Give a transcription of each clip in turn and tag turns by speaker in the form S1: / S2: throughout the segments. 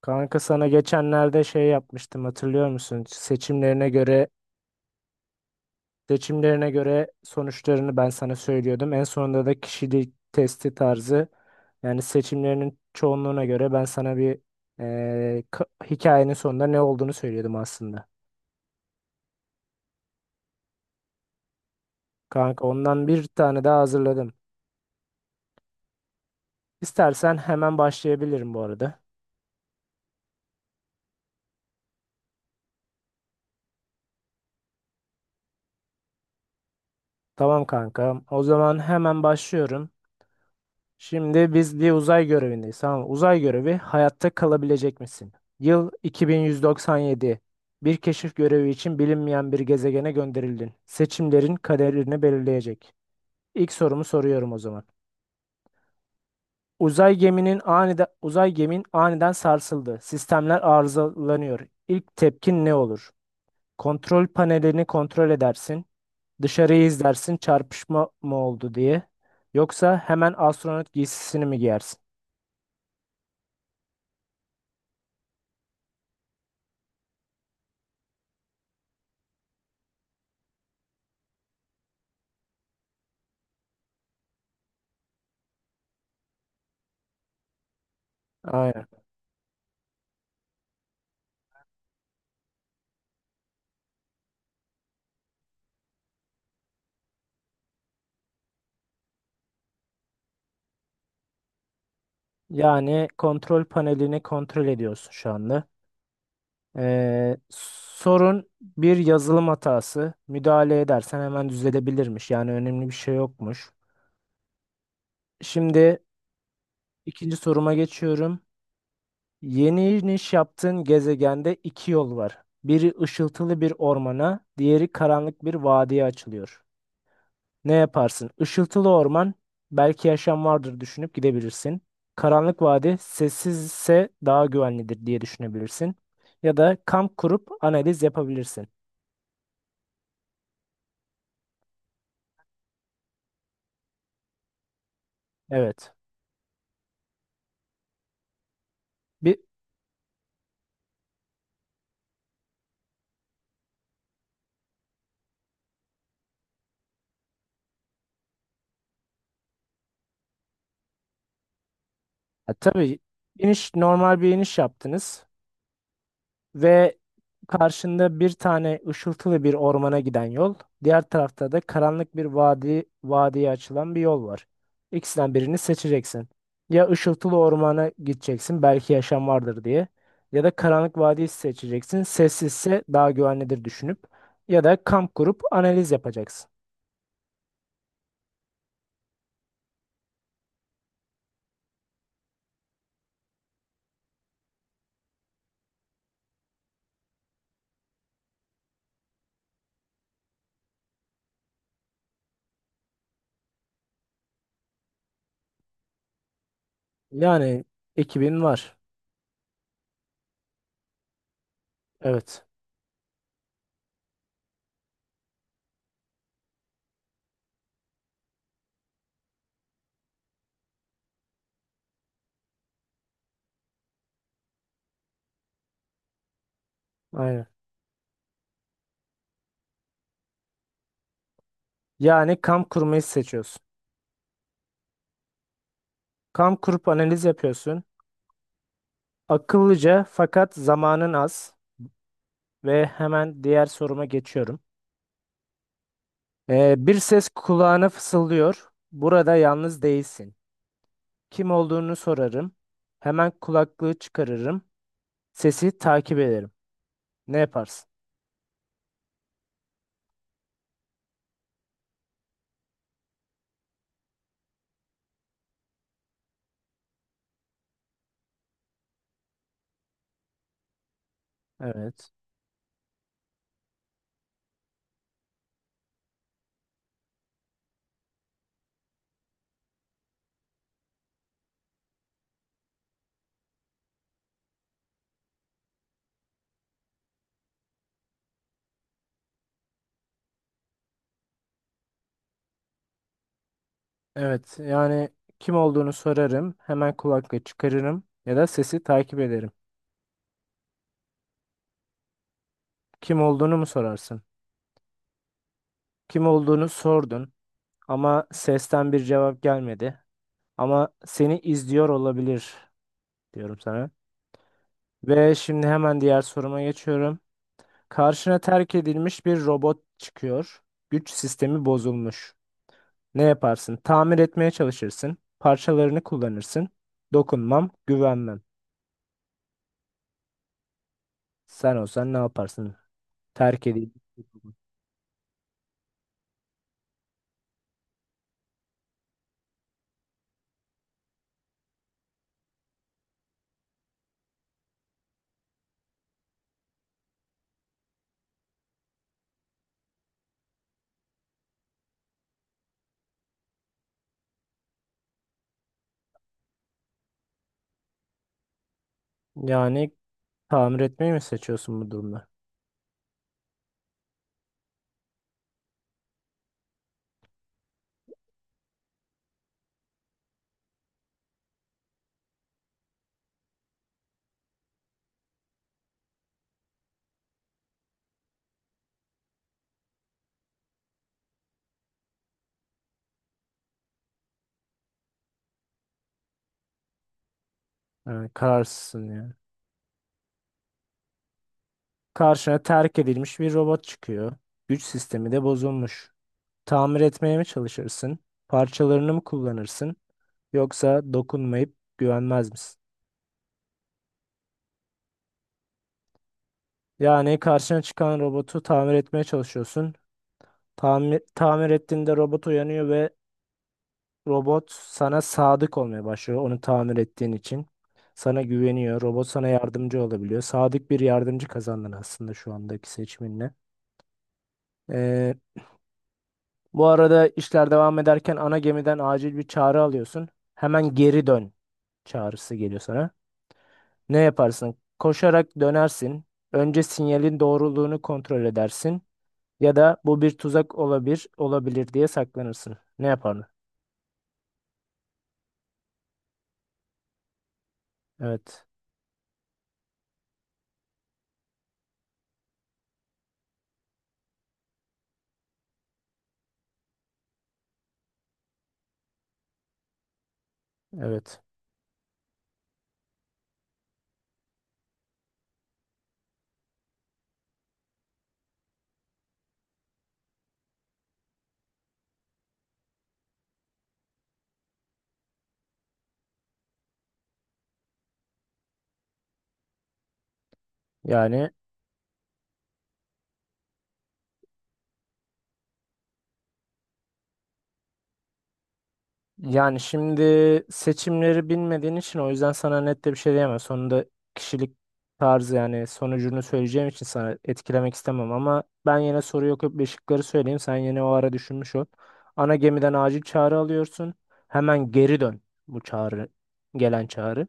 S1: Kanka sana geçenlerde şey yapmıştım hatırlıyor musun? Seçimlerine göre sonuçlarını ben sana söylüyordum. En sonunda da kişilik testi tarzı yani seçimlerinin çoğunluğuna göre ben sana bir hikayenin sonunda ne olduğunu söylüyordum aslında. Kanka ondan bir tane daha hazırladım. İstersen hemen başlayabilirim bu arada. Tamam kanka. O zaman hemen başlıyorum. Şimdi biz bir uzay görevindeyiz. Tamam mı? Uzay görevi, hayatta kalabilecek misin? Yıl 2197. Bir keşif görevi için bilinmeyen bir gezegene gönderildin. Seçimlerin kaderini belirleyecek. İlk sorumu soruyorum o zaman. Uzay gemin aniden sarsıldı. Sistemler arızalanıyor. İlk tepkin ne olur? Kontrol panelini kontrol edersin. Dışarıyı izlersin, çarpışma mı oldu diye. Yoksa hemen astronot giysisini mi giyersin? Yani kontrol panelini kontrol ediyorsun şu anda. Sorun bir yazılım hatası. Müdahale edersen hemen düzelebilirmiş. Yani önemli bir şey yokmuş. Şimdi ikinci soruma geçiyorum. Yeni iniş yaptığın gezegende iki yol var. Biri ışıltılı bir ormana, diğeri karanlık bir vadiye açılıyor. Ne yaparsın? Işıltılı orman, belki yaşam vardır düşünüp gidebilirsin. Karanlık vadi, sessizse daha güvenlidir diye düşünebilirsin. Ya da kamp kurup analiz yapabilirsin. Evet. Bir, ha, tabii, iniş normal bir iniş yaptınız. Ve karşında bir tane ışıltılı bir ormana giden yol. Diğer tarafta da karanlık bir vadi, vadiye açılan bir yol var. İkisinden birini seçeceksin. Ya ışıltılı ormana gideceksin, belki yaşam vardır diye. Ya da karanlık vadiyi seçeceksin, sessizse daha güvenlidir düşünüp. Ya da kamp kurup analiz yapacaksın. Yani ekibin var. Evet. Aynen. Yani kamp kurmayı seçiyorsun. Kamp kurup analiz yapıyorsun. Akıllıca, fakat zamanın az. Ve hemen diğer soruma geçiyorum. Bir ses kulağına fısıldıyor. Burada yalnız değilsin. Kim olduğunu sorarım. Hemen kulaklığı çıkarırım. Sesi takip ederim. Ne yaparsın? Evet. Evet. Yani kim olduğunu sorarım. Hemen kulaklığı çıkarırım. Ya da sesi takip ederim. Kim olduğunu mu sorarsın? Kim olduğunu sordun. Ama sesten bir cevap gelmedi. Ama seni izliyor olabilir diyorum sana. Ve şimdi hemen diğer soruma geçiyorum. Karşına terk edilmiş bir robot çıkıyor. Güç sistemi bozulmuş. Ne yaparsın? Tamir etmeye çalışırsın. Parçalarını kullanırsın. Dokunmam, güvenmem. Sen olsan ne yaparsın? Terk edeyim. Yani tamir etmeyi mi seçiyorsun bu durumda? Yani kararsızsın yani. Karşına terk edilmiş bir robot çıkıyor. Güç sistemi de bozulmuş. Tamir etmeye mi çalışırsın? Parçalarını mı kullanırsın? Yoksa dokunmayıp güvenmez misin? Yani karşına çıkan robotu tamir etmeye çalışıyorsun. Tamir ettiğinde robot uyanıyor ve robot sana sadık olmaya başlıyor, onu tamir ettiğin için. Sana güveniyor. Robot sana yardımcı olabiliyor. Sadık bir yardımcı kazandın aslında şu andaki seçiminle. Ee, bu arada işler devam ederken ana gemiden acil bir çağrı alıyorsun. Hemen geri dön çağrısı geliyor sana. Ne yaparsın? Koşarak dönersin. Önce sinyalin doğruluğunu kontrol edersin. Ya da bu bir tuzak olabilir diye saklanırsın. Ne yapardın? Evet. Evet. Yani yani şimdi seçimleri bilmediğin için o yüzden sana net de bir şey diyemem. Sonunda kişilik tarzı yani sonucunu söyleyeceğim için sana etkilemek istemem, ama ben yine soru yok bir şıkları söyleyeyim. Sen yine o ara düşünmüş ol. Ana gemiden acil çağrı alıyorsun. Hemen geri dön bu çağrı, gelen çağrı.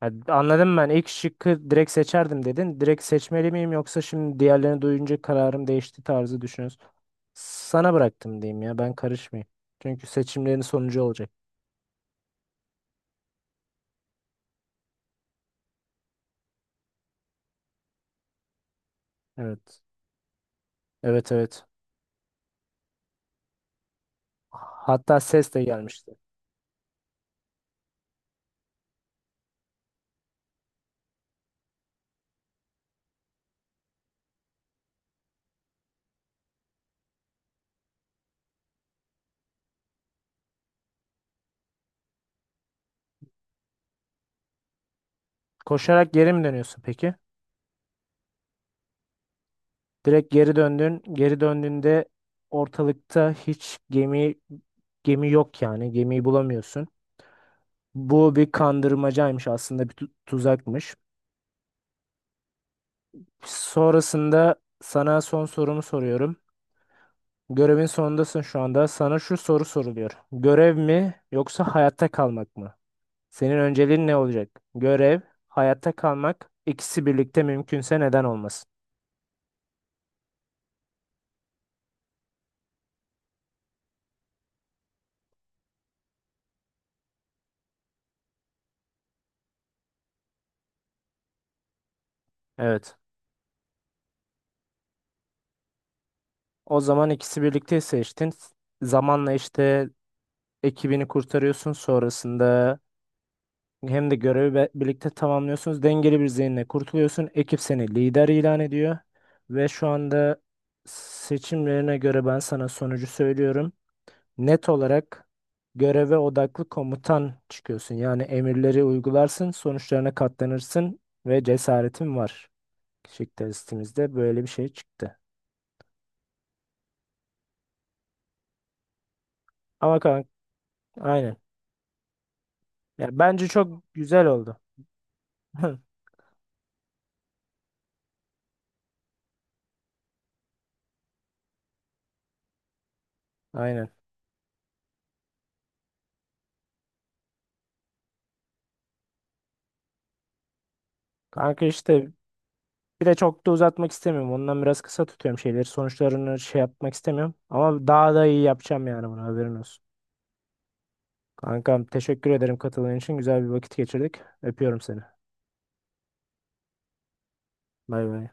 S1: Ha, anladım ben. İlk şıkkı direkt seçerdim dedin. Direkt seçmeli miyim, yoksa şimdi diğerlerini duyunca kararım değişti tarzı düşünüyorsun. Sana bıraktım diyeyim ya. Ben karışmayayım. Çünkü seçimlerin sonucu olacak. Evet. Evet, evet. Hatta ses de gelmişti. Koşarak geri mi dönüyorsun peki? Direkt geri döndün. Geri döndüğünde ortalıkta hiç gemi yok yani. Gemiyi bulamıyorsun. Bu bir kandırmacaymış aslında, bir tuzakmış. Sonrasında sana son sorumu soruyorum. Görevin sonundasın şu anda. Sana şu soru soruluyor. Görev mi, yoksa hayatta kalmak mı? Senin önceliğin ne olacak? Görev, hayatta kalmak, ikisi birlikte mümkünse neden olmasın? Evet. O zaman ikisi birlikte seçtin. Zamanla işte ekibini kurtarıyorsun. Sonrasında hem de görevi birlikte tamamlıyorsunuz. Dengeli bir zihinle kurtuluyorsun. Ekip seni lider ilan ediyor. Ve şu anda seçimlerine göre ben sana sonucu söylüyorum. Net olarak göreve odaklı komutan çıkıyorsun. Yani emirleri uygularsın, sonuçlarına katlanırsın ve cesaretin var. Kişilik testimizde böyle bir şey çıktı. Ama kanka, aynen. Ya bence çok güzel oldu. Aynen. Kanka işte bir de çok da uzatmak istemiyorum. Ondan biraz kısa tutuyorum şeyleri. Sonuçlarını şey yapmak istemiyorum. Ama daha da iyi yapacağım yani, bunu haberin olsun. Kankam teşekkür ederim katıldığın için. Güzel bir vakit geçirdik. Öpüyorum seni. Bay bay.